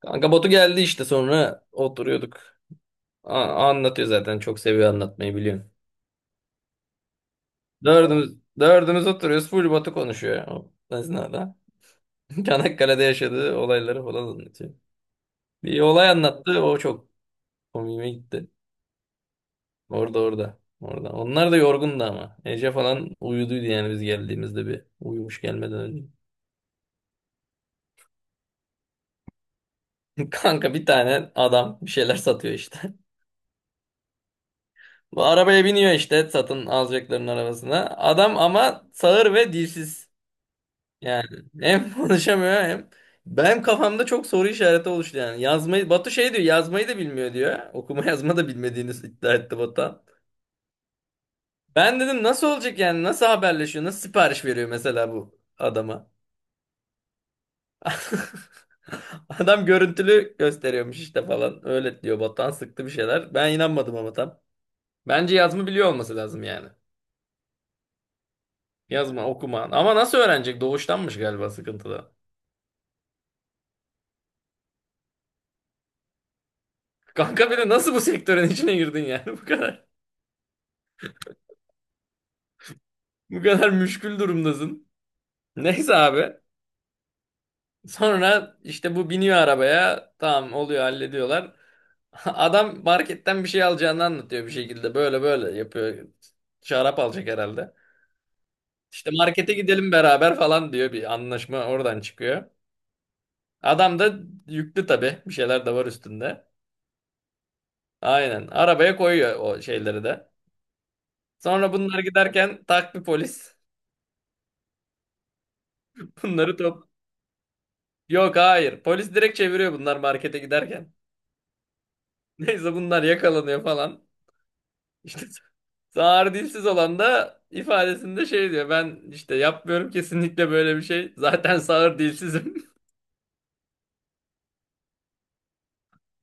Kanka Batu geldi işte sonra oturuyorduk. Anlatıyor zaten, çok seviyor anlatmayı biliyorsun. Dördümüz, dördümüz oturuyoruz, full Batu konuşuyor o esnada. Çanakkale'de yaşadığı olayları falan anlatıyor. Bir olay anlattı, o çok komiğime gitti. Orada, orada. Orada. Onlar da yorgundu ama. Ece falan uyuduydu yani, biz geldiğimizde bir uyumuş gelmeden önce. Kanka, bir tane adam bir şeyler satıyor işte. Bu arabaya biniyor işte, satın alacakların arabasına. Adam ama sağır ve dilsiz. Yani hem konuşamıyor hem benim kafamda çok soru işareti oluştu yani. Yazmayı, Batu şey diyor, yazmayı da bilmiyor diyor. Okuma yazma da bilmediğini iddia etti Batuhan. Ben dedim nasıl olacak yani, nasıl haberleşiyor, nasıl sipariş veriyor mesela bu adama. Adam görüntülü gösteriyormuş işte falan, öyle diyor Batuhan, sıktı bir şeyler. Ben inanmadım ama tam. Bence yazma biliyor olması lazım yani. Yazma okuma ama nasıl öğrenecek, doğuştanmış galiba sıkıntıda. Kanka bir de nasıl bu sektörün içine girdin yani, bu kadar. Bu kadar müşkül durumdasın. Neyse abi. Sonra işte bu biniyor arabaya. Tamam oluyor, hallediyorlar. Adam marketten bir şey alacağını anlatıyor bir şekilde. Böyle böyle yapıyor. Şarap alacak herhalde. İşte markete gidelim beraber falan diyor. Bir anlaşma oradan çıkıyor. Adam da yüklü tabii. Bir şeyler de var üstünde. Aynen. Arabaya koyuyor o şeyleri de. Sonra bunlar giderken tak, bir polis. Bunları top. Yok, hayır. Polis direkt çeviriyor, bunlar markete giderken. Neyse, bunlar yakalanıyor falan. İşte sağır dilsiz olan da ifadesinde şey diyor. Ben işte yapmıyorum kesinlikle böyle bir şey. Zaten sağır dilsizim.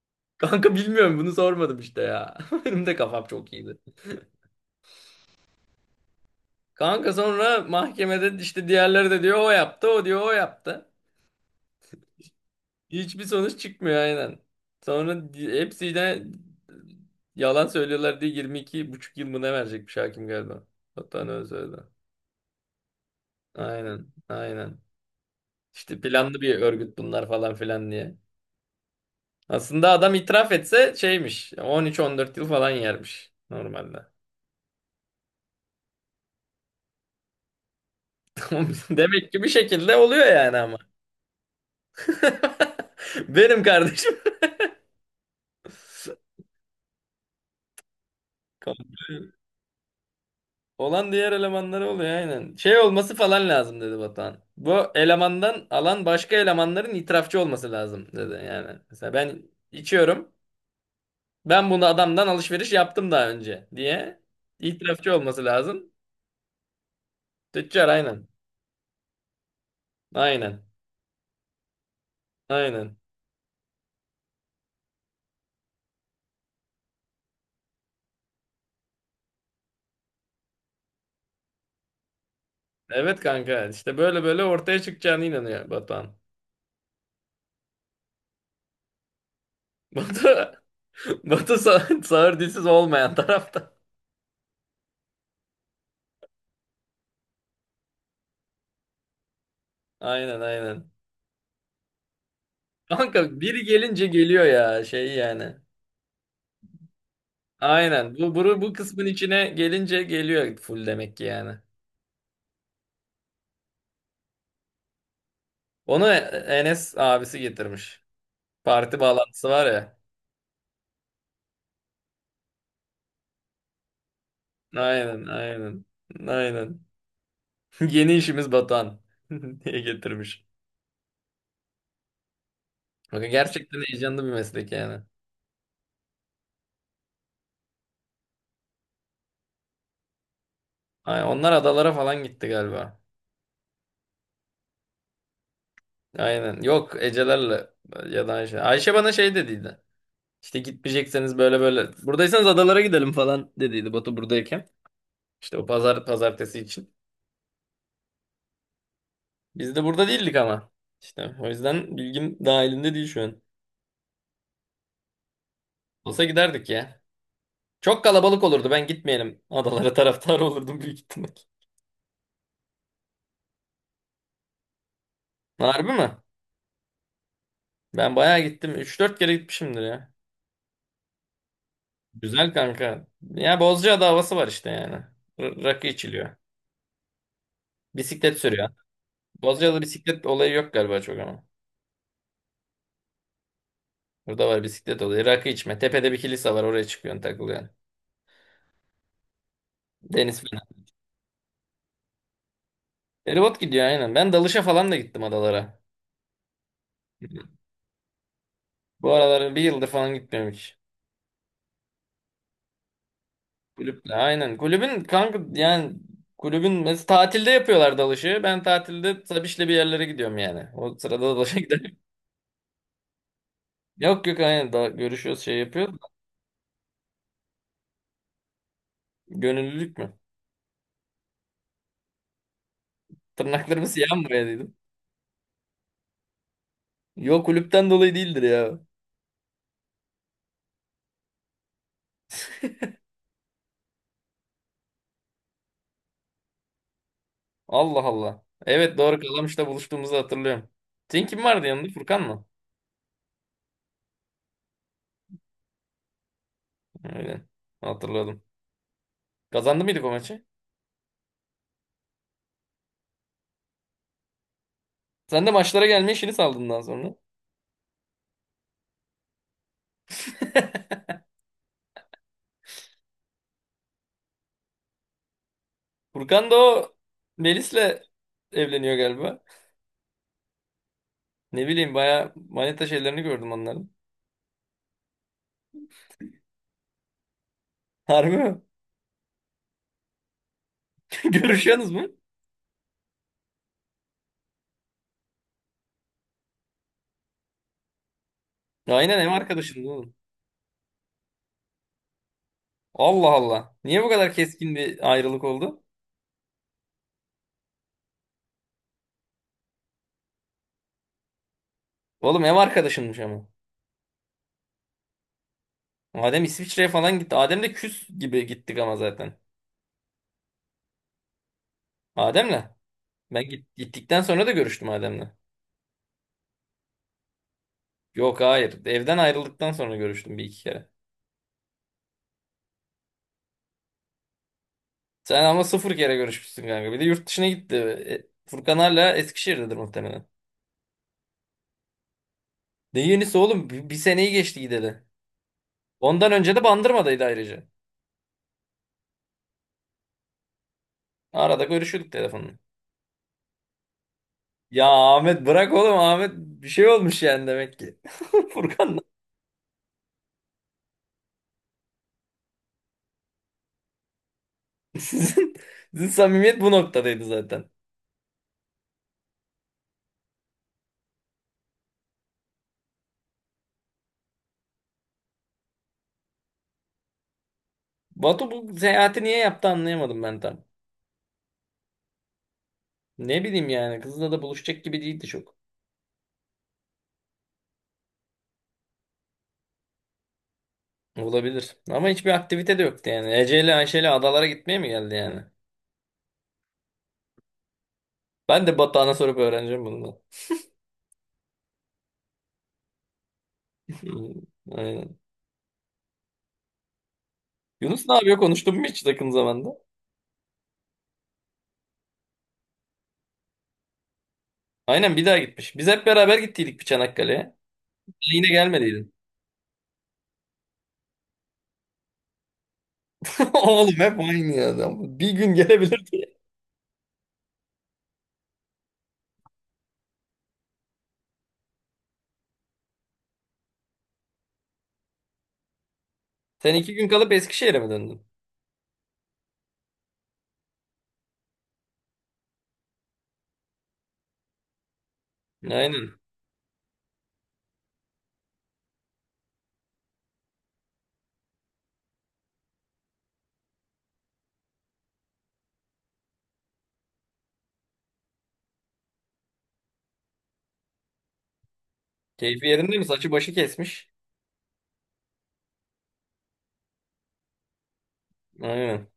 Kanka bilmiyorum, bunu sormadım işte ya. Benim de kafam çok iyiydi. Kanka sonra mahkemede işte, diğerleri de diyor o yaptı, o diyor o yaptı. Hiçbir sonuç çıkmıyor aynen. Hepsi de yalan söylüyorlar diye 22 buçuk yıl mı ne verecekmiş hakim galiba. Hatta ne öyle söyledi. Aynen, aynen. İşte planlı bir örgüt bunlar falan filan diye. Aslında adam itiraf etse şeymiş. 13-14 yıl falan yermiş normalde. Tamam. Demek ki bir şekilde oluyor yani ama. Benim kardeşim. Komple olan diğer elemanları oluyor aynen. Şey olması falan lazım dedi Batuhan. Bu elemandan alan başka elemanların itirafçı olması lazım dedi yani. Mesela ben içiyorum. Ben bunu adamdan alışveriş yaptım daha önce diye itirafçı olması lazım. Tüccar aynen. Aynen. Aynen. Evet kanka, işte böyle böyle ortaya çıkacağına inanıyor Batuhan. Batu, Sağır dilsiz olmayan tarafta. Aynen, aynen. Kanka biri gelince geliyor ya şey yani. Aynen, bu kısmın içine gelince geliyor full demek ki yani. Onu Enes abisi getirmiş. Parti bağlantısı var ya. Aynen, aynen. Aynen. Yeni işimiz Batuhan diye getirmiş. Bakın, gerçekten heyecanlı bir meslek yani. Ay, onlar adalara falan gitti galiba. Aynen. Yok, Ecelerle ya da Ayşe. Ayşe bana şey dediydi. İşte gitmeyecekseniz böyle böyle. Buradaysanız adalara gidelim falan dediydi Batu buradayken. İşte o pazar pazartesi için. Biz de burada değildik ama. İşte o yüzden bilgim dahilinde değil şu an. Olsa giderdik ya. Çok kalabalık olurdu. Ben gitmeyelim. Adalara taraftar olurdum büyük ihtimal. Harbi mi? Ben bayağı gittim. Üç dört kere gitmişimdir ya. Güzel kanka. Ya Bozcaada havası var işte yani. Rakı içiliyor. Bisiklet sürüyor. Bozcaada bisiklet olayı yok galiba çok ama. Burada var bisiklet olayı. Rakı içme. Tepede bir kilise var. Oraya çıkıyorsun, takılıyorsun. Deniz falan. Feribot gidiyor aynen. Ben dalışa falan da gittim adalara. Bu aralar bir yıldır falan gitmiyorum hiç. Kulüple aynen. Kulübün kanka yani, kulübün mesela tatilde yapıyorlar dalışı. Ben tatilde Sabiş'le bir yerlere gidiyorum yani. O sırada dalışa gidelim. Yok, yok, aynen, daha görüşüyoruz, şey yapıyoruz. Gönüllülük mü? Tırnaklarımı siyah mı boyadıydım? Yok, kulüpten dolayı değildir ya. Allah Allah. Evet doğru, Kalamış'ta buluştuğumuzu hatırlıyorum. Senin kim vardı yanında? Furkan mı? Öyle. Hatırladım. Kazandı mıydık o maçı? Sen de maçlara gelme işini saldın daha sonra. Furkan da o Melis'le evleniyor galiba. Ne bileyim, baya manita şeylerini gördüm onların. Harbi mi? Görüşüyorsunuz mu? Aynen, ev arkadaşındı oğlum. Allah Allah. Niye bu kadar keskin bir ayrılık oldu? Oğlum ev arkadaşınmış ama. Adem İsviçre'ye falan gitti. Adem de küs gibi gittik ama zaten. Adem'le. Gittikten sonra da görüştüm Adem'le. Yok, hayır. Evden ayrıldıktan sonra görüştüm bir iki kere. Sen ama sıfır kere görüşmüşsün kanka. Bir de yurt dışına gitti. E, Furkan hala Eskişehir'dedir muhtemelen. Ne yenisi oğlum? Bir seneyi geçti gideli. Ondan önce de Bandırma'daydı ayrıca. Arada görüşüyorduk telefonla. Ya Ahmet bırak oğlum, Ahmet bir şey olmuş yani demek ki. Furkan'la sizin, sizin samimiyet bu noktadaydı zaten. Batu bu seyahati niye yaptı anlayamadım ben tam. Ne bileyim yani, kızla da buluşacak gibi değildi çok. Olabilir. Ama hiçbir aktivite de yoktu yani. Ece ile Ayşe ile adalara gitmeye mi geldi yani? Ben de Batuhan'a sorup öğreneceğim bunu da. Aynen. Yunus ne yapıyor? Konuştun mu hiç yakın zamanda? Aynen, bir daha gitmiş. Biz hep beraber gittiydik bir Çanakkale'ye. Sen yine gelmediydin. Oğlum hep aynı adam. Bir gün gelebilirdi. Sen iki gün kalıp Eskişehir'e mi döndün? Aynen. Keyfi yerinde mi? Saçı başı kesmiş. Aynen.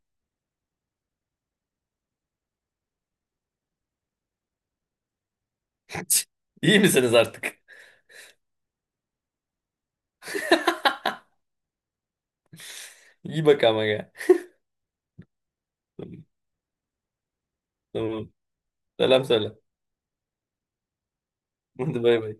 İyi misiniz artık? İyi bak ama ya. Tamam. Selam söyle. Hadi, bay bay.